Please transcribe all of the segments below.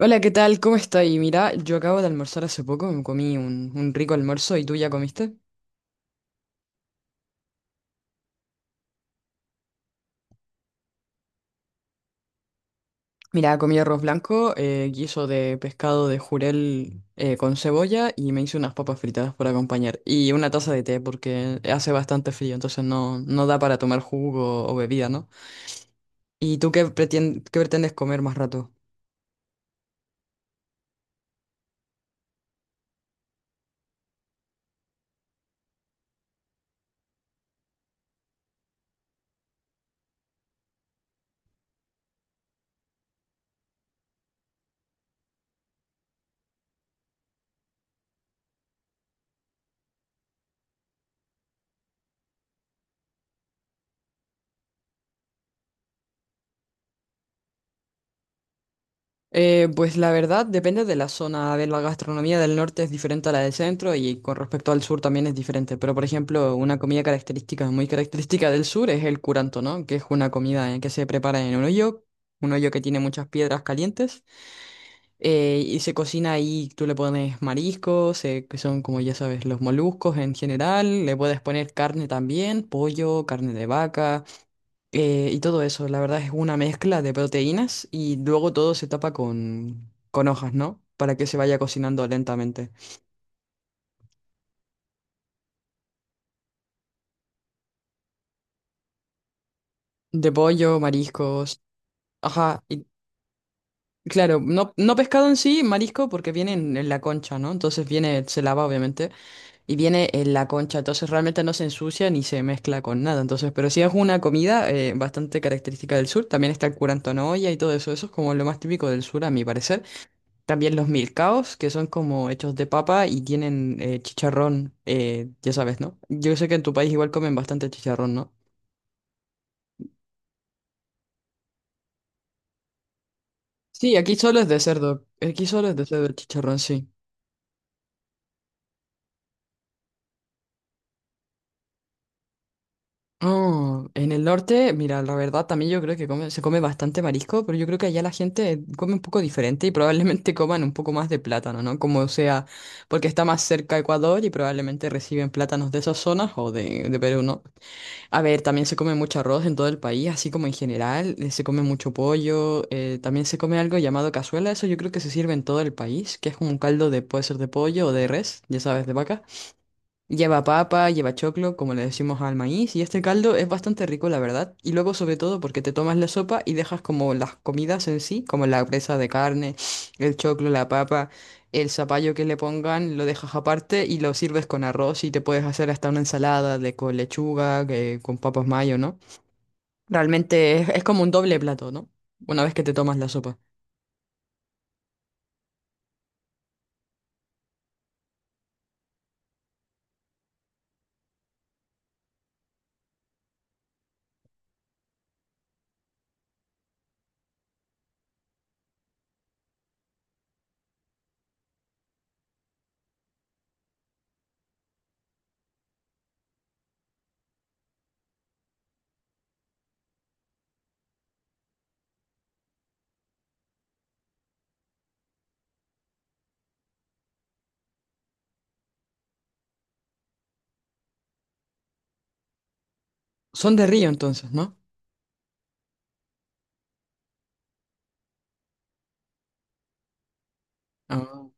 Hola, ¿qué tal? ¿Cómo estáis? Mira, yo acabo de almorzar hace poco, me comí un rico almuerzo y tú ya comiste. Mira, comí arroz blanco, guiso de pescado de jurel con cebolla y me hice unas papas fritadas para acompañar. Y una taza de té porque hace bastante frío, entonces no, no da para tomar jugo o bebida, ¿no? ¿Y tú qué qué pretendes comer más rato? Pues la verdad depende de la zona. A ver, la gastronomía del norte es diferente a la del centro y con respecto al sur también es diferente. Pero por ejemplo, una comida característica, muy característica del sur es el curanto, ¿no? Que es una comida que se prepara en un hoyo que tiene muchas piedras calientes y se cocina ahí. Tú le pones mariscos, que son como ya sabes, los moluscos en general. Le puedes poner carne también, pollo, carne de vaca. Y todo eso, la verdad es una mezcla de proteínas y luego todo se tapa con hojas, ¿no? Para que se vaya cocinando lentamente. De pollo, mariscos, ajá, y claro, no, no pescado en sí, marisco porque viene en la concha, ¿no? Entonces viene, se lava obviamente, y viene en la concha, entonces realmente no se ensucia ni se mezcla con nada, entonces, pero sí es una comida bastante característica del sur, también está el curanto en olla y todo eso, eso es como lo más típico del sur a mi parecer. También los milcaos, que son como hechos de papa y tienen chicharrón, ya sabes, ¿no? Yo sé que en tu país igual comen bastante chicharrón, ¿no? Sí, aquí solo es de cerdo. Aquí solo es de cerdo el chicharrón, sí. Oh, en el norte, mira, la verdad también yo creo que se come bastante marisco, pero yo creo que allá la gente come un poco diferente y probablemente coman un poco más de plátano, ¿no? Como sea, porque está más cerca a Ecuador y probablemente reciben plátanos de esas zonas o de Perú, ¿no? A ver, también se come mucho arroz en todo el país, así como en general, se come mucho pollo, también se come algo llamado cazuela, eso yo creo que se sirve en todo el país, que es como un caldo de, puede ser de pollo o de res, ya sabes, de vaca. Lleva papa, lleva choclo, como le decimos al maíz, y este caldo es bastante rico, la verdad. Y luego, sobre todo, porque te tomas la sopa y dejas como las comidas en sí, como la presa de carne, el choclo, la papa, el zapallo que le pongan, lo dejas aparte y lo sirves con arroz y te puedes hacer hasta una ensalada de con lechuga, con papas mayo, ¿no? Realmente es como un doble plato, ¿no? Una vez que te tomas la sopa. Son de Río, entonces, ¿no? Ah.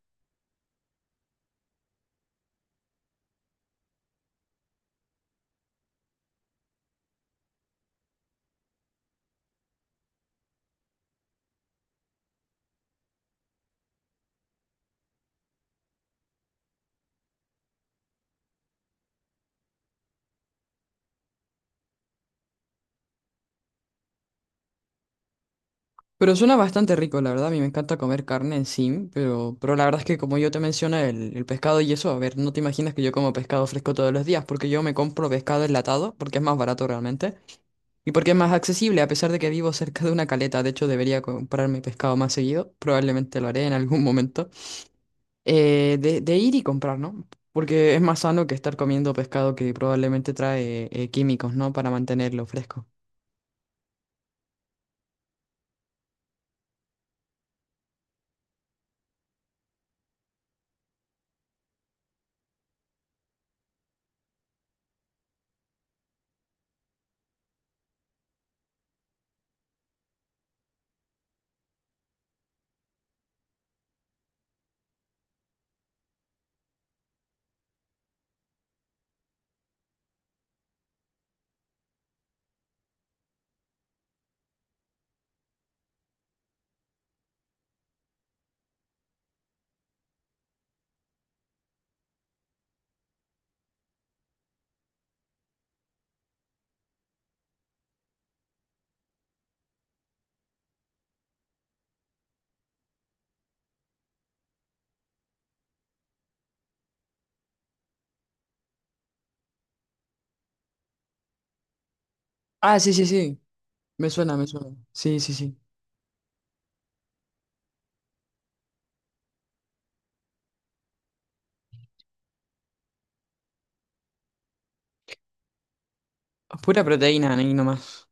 Pero suena bastante rico, la verdad. A mí me encanta comer carne en sí, pero la verdad es que como yo te mencioné, el pescado y eso, a ver, no te imaginas que yo como pescado fresco todos los días, porque yo me compro pescado enlatado, porque es más barato realmente, y porque es más accesible, a pesar de que vivo cerca de una caleta. De hecho, debería comprarme pescado más seguido, probablemente lo haré en algún momento, de ir y comprar, ¿no? Porque es más sano que estar comiendo pescado que probablemente trae químicos, ¿no? Para mantenerlo fresco. Ah, sí, sí, sí. Me suena, me suena. Sí, sí, sí. Pura proteína, ahí nomás.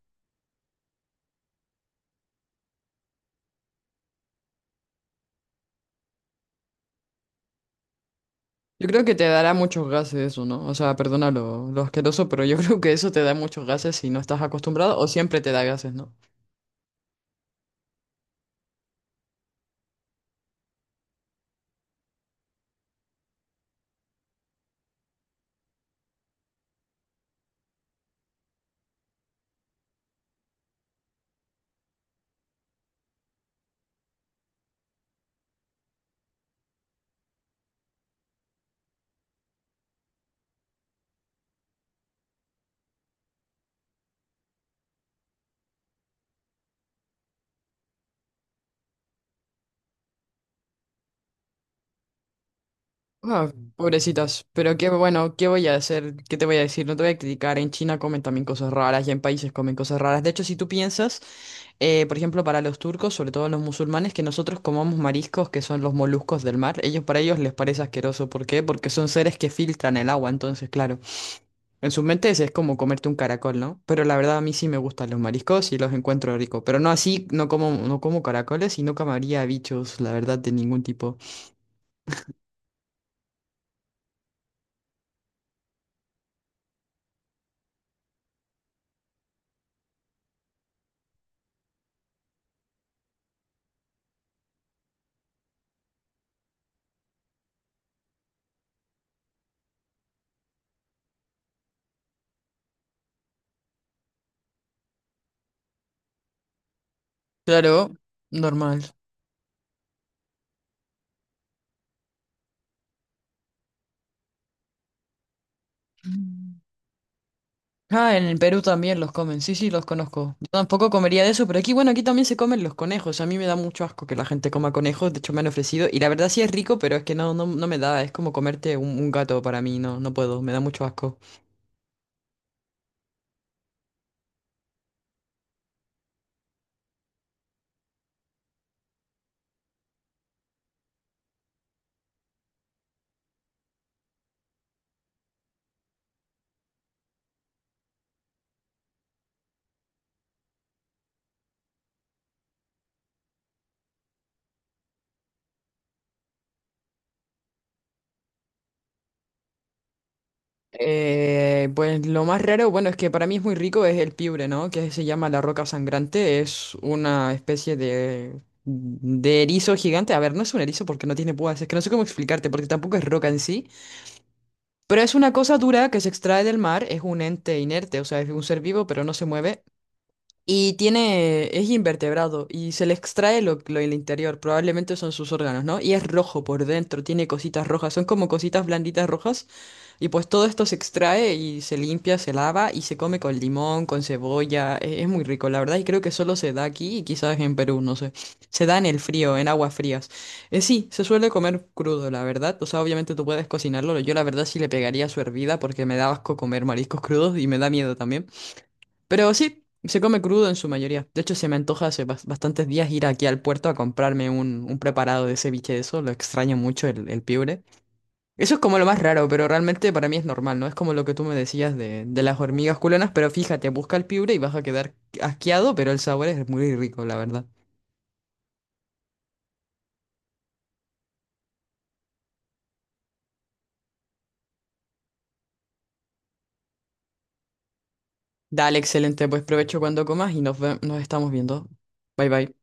Yo creo que te dará muchos gases eso, ¿no? O sea, perdona lo asqueroso, pero yo creo que eso te da muchos gases si no estás acostumbrado o siempre te da gases, ¿no? Ah, pobrecitas. Pero qué bueno, ¿qué voy a hacer? ¿Qué te voy a decir? No te voy a criticar. En China comen también cosas raras y en países comen cosas raras. De hecho, si tú piensas, por ejemplo, para los turcos, sobre todo los musulmanes, que nosotros comamos mariscos, que son los moluscos del mar, ellos para ellos les parece asqueroso. ¿Por qué? Porque son seres que filtran el agua, entonces, claro. En sus mentes es como comerte un caracol, ¿no? Pero la verdad a mí sí me gustan los mariscos y los encuentro ricos. Pero no así, no como, no como caracoles y no comería bichos, la verdad, de ningún tipo. Claro, normal. Mm. Ah, en el Perú también los comen, sí, sí, los conozco. Yo tampoco comería de eso, pero aquí, bueno, aquí también se comen los conejos. A mí me da mucho asco que la gente coma conejos, de hecho me han ofrecido. Y la verdad sí es rico, pero es que no, no, no me da, es como comerte un gato para mí, no, no puedo, me da mucho asco. Pues lo más raro, bueno, es que para mí es muy rico, es el piure, ¿no? Que se llama la roca sangrante. Es una especie de erizo gigante. A ver, no es un erizo porque no tiene púas. Es que no sé cómo explicarte, porque tampoco es roca en sí. Pero es una cosa dura que se extrae del mar. Es un ente inerte, o sea, es un ser vivo, pero no se mueve. Y tiene, es invertebrado y se le extrae lo del interior, probablemente son sus órganos, ¿no? Y es rojo por dentro, tiene cositas rojas, son como cositas blanditas rojas. Y pues todo esto se extrae y se limpia, se lava y se come con limón, con cebolla. Es muy rico, la verdad, y creo que solo se da aquí y quizás en Perú, no sé. Se da en el frío, en aguas frías. Sí, se suele comer crudo, la verdad. O sea, obviamente tú puedes cocinarlo. Yo la verdad sí le pegaría su hervida porque me da asco comer mariscos crudos y me da miedo también. Pero sí, se come crudo en su mayoría. De hecho, se me antoja hace bastantes días ir aquí al puerto a comprarme un preparado de ceviche de eso. Lo extraño mucho, el piure. Eso es como lo más raro, pero realmente para mí es normal, ¿no? Es como lo que tú me decías de las hormigas culonas, pero fíjate, busca el piure y vas a quedar asqueado, pero el sabor es muy rico, la verdad. Dale, excelente, pues provecho cuando comas y nos, nos estamos viendo. Bye bye.